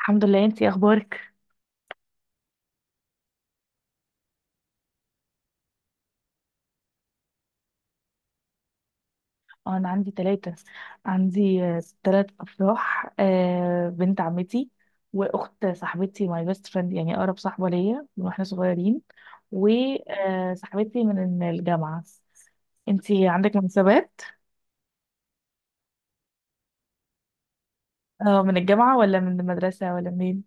الحمد لله. انتي إيه اخبارك؟ اه، انا عندي ثلاث افراح، بنت عمتي واخت صاحبتي ماي بيست فريند، يعني اقرب صاحبة ليا من واحنا صغيرين، وصاحبتي من الجامعة. انتي عندك مناسبات؟ اه من الجامعة ولا من المدرسة ولا منين؟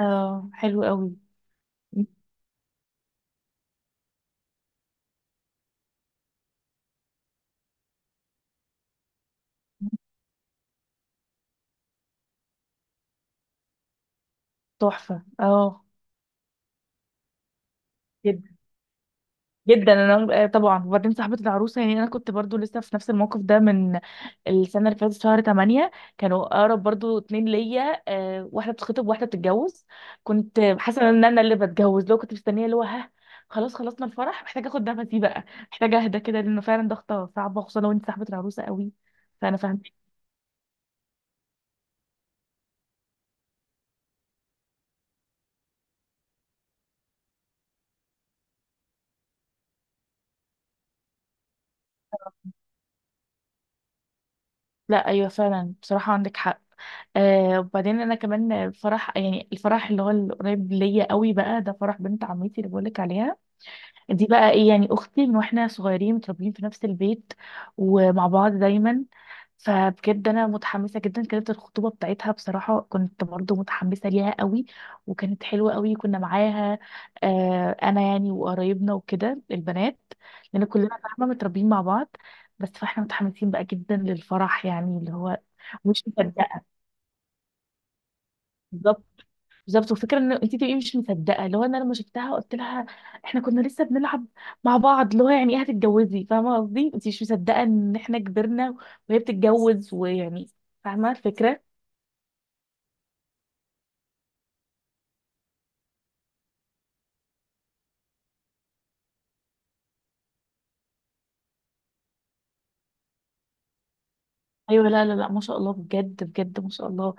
اه، حلو قوي. تحفة، اه. جدا. انا طبعا. وبعدين صاحبه العروسه، يعني انا كنت برضو لسه في نفس الموقف ده من السنه اللي فاتت، شهر 8. كانوا اقرب برضو اتنين ليا، واحده بتخطب وواحده بتتجوز. كنت حاسه ان انا اللي بتجوز، لو كنت مستنيه اللي هو، ها. خلاص، خلصنا الفرح، محتاجه اخد نفسي بقى. محتاجه اهدى كده لانه فعلا ضغطه صعبه، خصوصا لو انت صاحبه العروسه قوي. فانا فاهمه. لا، ايوه فعلا، بصراحه عندك حق. وبعدين انا كمان الفرح، يعني الفرح اللي هو القريب ليا قوي بقى، ده فرح بنت عمتي اللي بقولك عليها. دي بقى ايه؟ يعني اختي، من واحنا صغيرين متربيين في نفس البيت ومع بعض دايما. فبجد انا متحمسه جدا. كانت الخطوبه بتاعتها بصراحه كنت برضو متحمسه ليها قوي، وكانت حلوه قوي. كنا معاها، انا يعني، وقرايبنا وكده البنات، لان كلنا فاهمه متربيين مع بعض. بس فاحنا متحمسين بقى جدا للفرح، يعني اللي هو مش مصدقه، بالظبط. بالظبط، وفكرة ان انت تبقي مش مصدقه، اللي هو انا لما شفتها قلت لها احنا كنا لسه بنلعب مع بعض، اللي هو يعني ايه هتتجوزي، فاهمه قصدي؟ انت مش مصدقه ان احنا كبرنا وهي بتتجوز ويعني، فاهمه الفكره. ايوه، لا لا لا، ما شاء الله، بجد بجد ما شاء الله.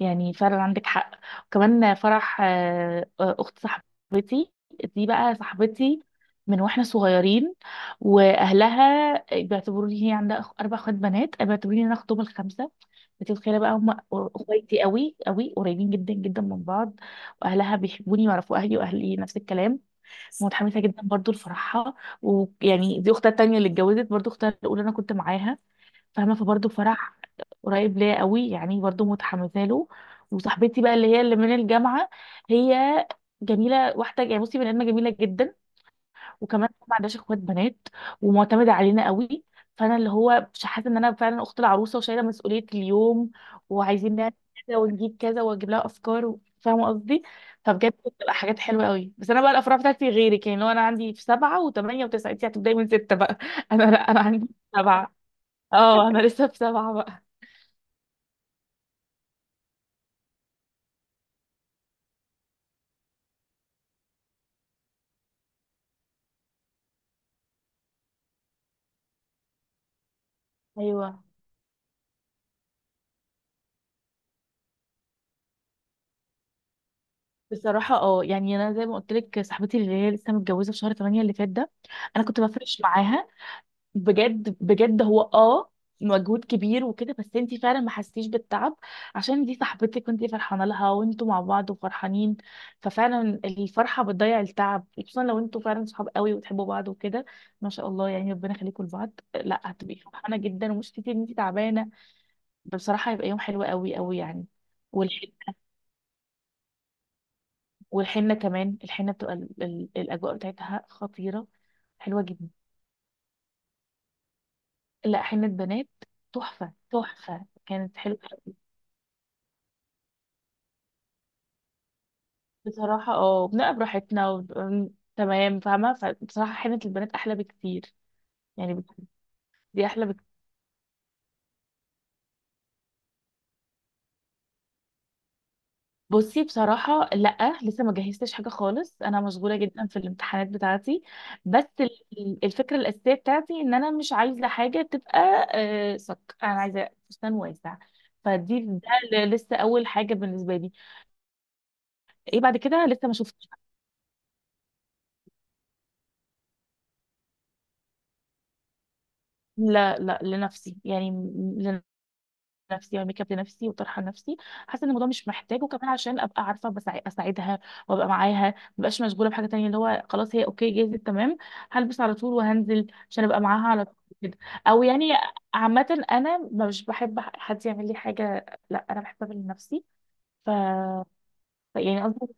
يعني فعلا عندك حق. وكمان فرح اخت صاحبتي، دي بقى صاحبتي من واحنا صغيرين. واهلها بيعتبروني، هي عندها اربع اخوات بنات، بيعتبروني انا اختهم الخمسه. انت متخيله بقى؟ هم اخواتي قوي قوي، قريبين جدا جدا من بعض. واهلها بيحبوني ويعرفوا اهلي، واهلي نفس الكلام. متحمسه جدا برضو لفرحها، ويعني دي اختها التانيه اللي اتجوزت، برضو اختها الاولى انا كنت معاها فاهمه، فبرضه فرح قريب ليا قوي، يعني برضه متحمسه له. وصاحبتي بقى اللي هي اللي من الجامعه، هي جميله. واحده، يعني بصي، بني ادمه جميله جدا، وكمان ما عندهاش اخوات بنات، ومعتمده علينا قوي. فانا اللي هو مش حاسه ان انا فعلا اخت العروسه وشايله مسؤوليه اليوم، وعايزين نعمل كذا ونجيب كذا واجيب لها افكار فاهمه قصدي؟ فبجد بتبقى حاجات حلوه قوي. بس انا بقى الافراح بتاعتي غيرك، يعني لو انا عندي في سبعه وثمانيه وتسعه، انت هتبداي من سته بقى. انا لا، انا عندي سبعه. اه، انا لسه في سبعة بقى. ايوه. بصراحة يعني انا زي ما قلت لك، صاحبتي اللي هي لسه متجوزة في شهر 8 اللي فات ده، انا كنت بفرش معاها. بجد بجد هو، مجهود كبير وكده. بس انتي فعلا ما حسيتيش بالتعب عشان دي صاحبتك، وانتي فرحانة لها وانتوا مع بعض وفرحانين. ففعلا الفرحة بتضيع التعب، خصوصا لو انتوا فعلا صحاب قوي وتحبوا بعض وكده. ما شاء الله يعني، ربنا يخليكم لبعض. لا، هتبقي فرحانة جدا ومش كتير ان انتي تعبانة. بصراحة هيبقى يوم حلو قوي قوي يعني. والحنة كمان، الحنة بتبقى الأجواء بتاعتها خطيرة. حلوة جدا. لا، حنة بنات. تحفة، تحفة، كانت حلوة. بصراحة، اه، بنبقى براحتنا و... تمام، فاهمة. فبصراحة حنة البنات أحلى بكتير، يعني دي أحلى بكتير. بصي بصراحة لأ، لسه ما جهزتش حاجة خالص. أنا مشغولة جدا في الامتحانات بتاعتي. بس الفكرة الأساسية بتاعتي إن أنا مش عايزة حاجة تبقى صك. أنا عايزة فستان واسع. فدي ده لسه أول حاجة بالنسبة لي. ايه بعد كده لسه ما شفتش. لا لا، لنفسي، يعني لنفسي، يعني ميك اب لنفسي وطرحه لنفسي. حاسه ان الموضوع مش محتاج، وكمان عشان ابقى عارفه اساعدها، وابقى معاها ما بقاش مشغوله بحاجه تانية، اللي هو خلاص هي اوكي جاهزه تمام. هلبس على طول وهنزل عشان ابقى معاها على طول كده. او يعني، عامه انا مش بحب حد يعمل لي حاجه، لا انا بحب اعمل لنفسي. ف يعني قصدي.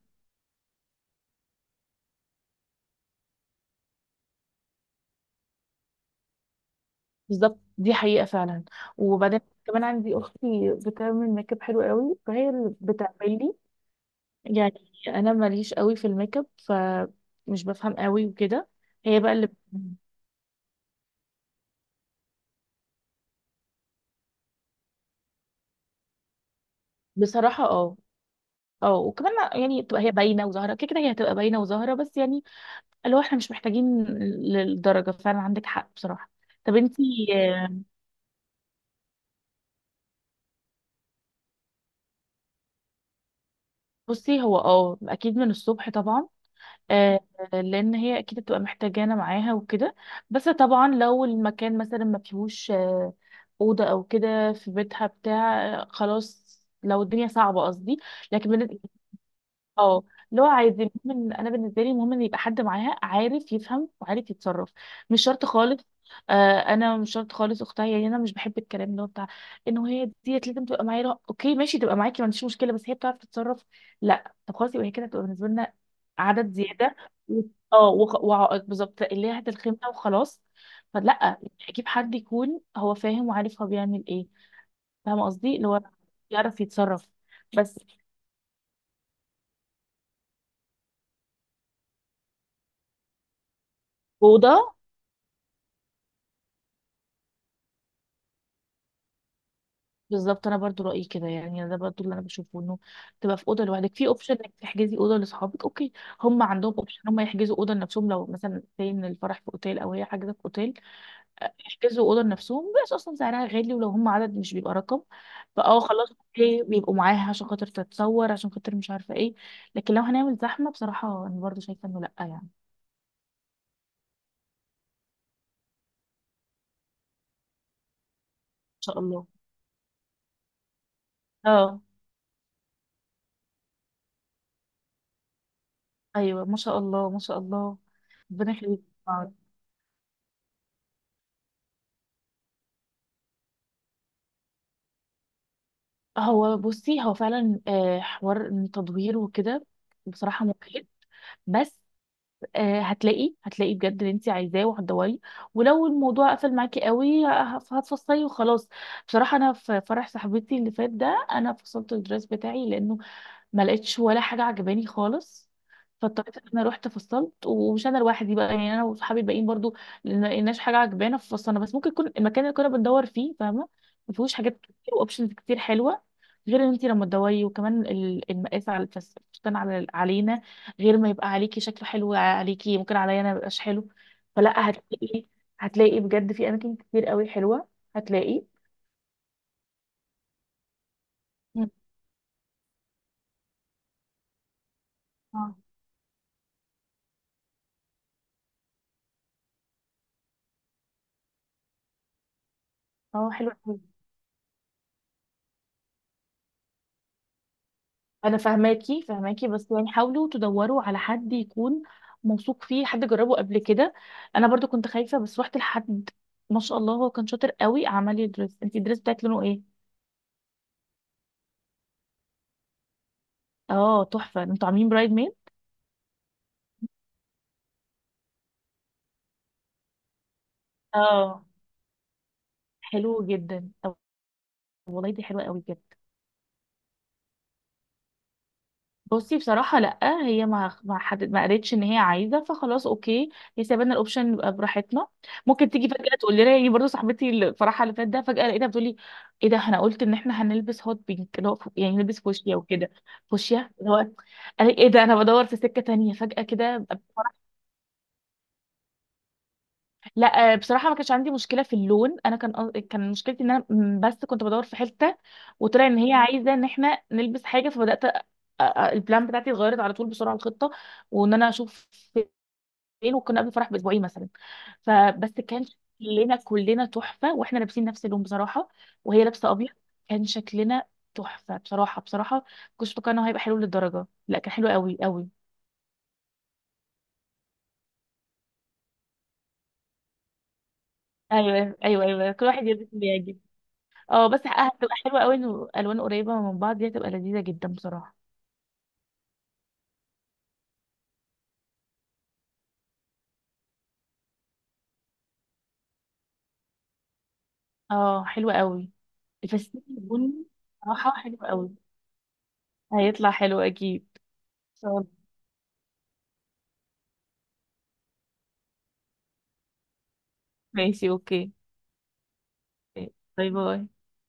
بالظبط، دي حقيقه فعلا. وبعدين كمان عندي اختي بتعمل ميك اب حلو قوي، فهي اللي بتعمل لي يعني. انا ماليش قوي في الميك اب، فمش بفهم قوي وكده. هي بقى اللي، بصراحه، اه وكمان يعني تبقى هي باينه وظاهره كده كده. هي هتبقى باينه وظاهره، بس يعني اللي هو احنا مش محتاجين للدرجه. فعلا عندك حق بصراحه. طب انتي، آه، بصي هو، اكيد من الصبح طبعا. آه، لان هي اكيد هتبقى محتاجانا معاها وكده. بس طبعا لو المكان مثلا ما فيهوش اوضه او كده، في بيتها بتاع خلاص، لو الدنيا صعبه قصدي. لكن اه اللي هو عادي، المهم انا بالنسبه لي المهم ان يبقى حد معاها عارف يفهم وعارف يتصرف. مش شرط خالص. انا مش شرط خالص اختها، يعني انا مش بحب الكلام اللي هو بتاع انه هي ديت لازم تبقى معايا. لا، اوكي ماشي تبقى معاكي ما عنديش مشكله، بس هي بتعرف تتصرف. لا طب خلاص، يبقى هي كده تبقى بالنسبه لنا عدد زياده و- وعائق، بالظبط، اللي هي هات الخيمه وخلاص. فلا، اجيب حد يكون هو فاهم وعارف هو بيعمل ايه، فاهمه قصدي، اللي هو يعرف يتصرف. بس وده بالظبط، انا برضو رايي كده، يعني ده برضو اللي انا بشوفه، انه تبقى في اوضه لوحدك، في اوبشن انك تحجزي اوضه لاصحابك، اوكي. هم عندهم اوبشن هم يحجزوا اوضه لنفسهم، لو مثلا زي ان الفرح في اوتيل او هي حاجزه في اوتيل، يحجزوا اوضه لنفسهم. بس اصلا سعرها غالي، ولو هم عدد مش بيبقى رقم، فاه خلاص، اوكي بيبقوا معاها عشان خاطر تتصور، عشان خاطر مش عارفه ايه. لكن لو هنعمل زحمه، بصراحه انا برضو شايفه انه لا، يعني ان شاء الله. اه، ايوه ما شاء الله، ما شاء الله، ربنا يخليك. هو بصي، هو فعلا حوار إن تدوير وكده بصراحة مجهد. بس هتلاقي، هتلاقي بجد اللي انت عايزاه وهتدوري، ولو الموضوع قفل معاكي قوي هتفصلي وخلاص. بصراحة انا في فرح صاحبتي اللي فات ده، انا فصلت الدرس بتاعي لانه ما لقيتش ولا حاجه عجباني خالص. فاضطريت ان انا رحت فصلت، ومش انا لوحدي بقى يعني، انا وصحابي الباقيين برضو ما لقيناش حاجه عجبانا ففصلنا. بس ممكن يكون المكان اللي كنا بندور فيه، فاهمه، ما فيهوش حاجات كتير واوبشنز كتير حلوه. غير ان انت لما تدوري، وكمان المقاس على الفستان على علينا، غير ما يبقى عليكي شكله حلو عليكي، ممكن عليا انا ما يبقاش حلو. فلا، هتلاقي، هتلاقي بجد في اماكن كتير قوي حلوه، هتلاقي. مم. اه، اه، حلوه. انا فاهماكي فاهماكي، بس يعني حاولوا تدوروا على حد يكون موثوق فيه، حد جربه قبل كده. انا برضو كنت خايفه بس رحت لحد، ما شاء الله هو كان شاطر قوي، عمل لي دريس. انت الدريس بتاعك لونه ايه؟ اه، تحفه. انتوا عاملين برايد ميد؟ اه، حلو جدا. طب والله دي حلوه قوي كده. بصي بصراحة لأ، هي ما حدد، ما قالتش إن هي عايزة، فخلاص أوكي، هي سايبانا الأوبشن يبقى براحتنا. ممكن تيجي فجأة تقول لنا، يعني برضه صاحبتي الفرحة اللي فات ده فجأة لقيتها بتقولي إيه ده، إحنا قلت إن إحنا هنلبس هوت بينك، اللي هو يعني نلبس فوشيا وكده. فوشيا، اللي هو قال إيه ده، أنا بدور في سكة تانية فجأة كده. لا بصراحه ما كانش عندي مشكله في اللون. انا كان كان مشكلتي ان انا، بس كنت بدور في حته، وطلع ان هي عايزه ان احنا نلبس حاجه. فبدات البلان بتاعتي اتغيرت على طول بسرعه، الخطه وان انا اشوف فين، وكنا قبل الفرح باسبوعين مثلا. فبس كان شكلنا كلنا تحفه، واحنا لابسين نفس اللون بصراحه، وهي لابسه ابيض، كان شكلنا تحفه بصراحه، بصراحه كنتش متوقعه انه هيبقى حلو للدرجه، لا كان حلو قوي قوي. ايوه ايوه ايوه، كل واحد يلبس اللي يعجبه. اه، بس هتبقى حلوة قوي انه الوان قريبة من بعض، دي هتبقى لذيذة جدا بصراحة. اه، حلوة قوي الفستان البني. راحة حلوة قوي. هيطلع حلو اكيد. إن شاء الله. ماشي، اوكي، باي باي.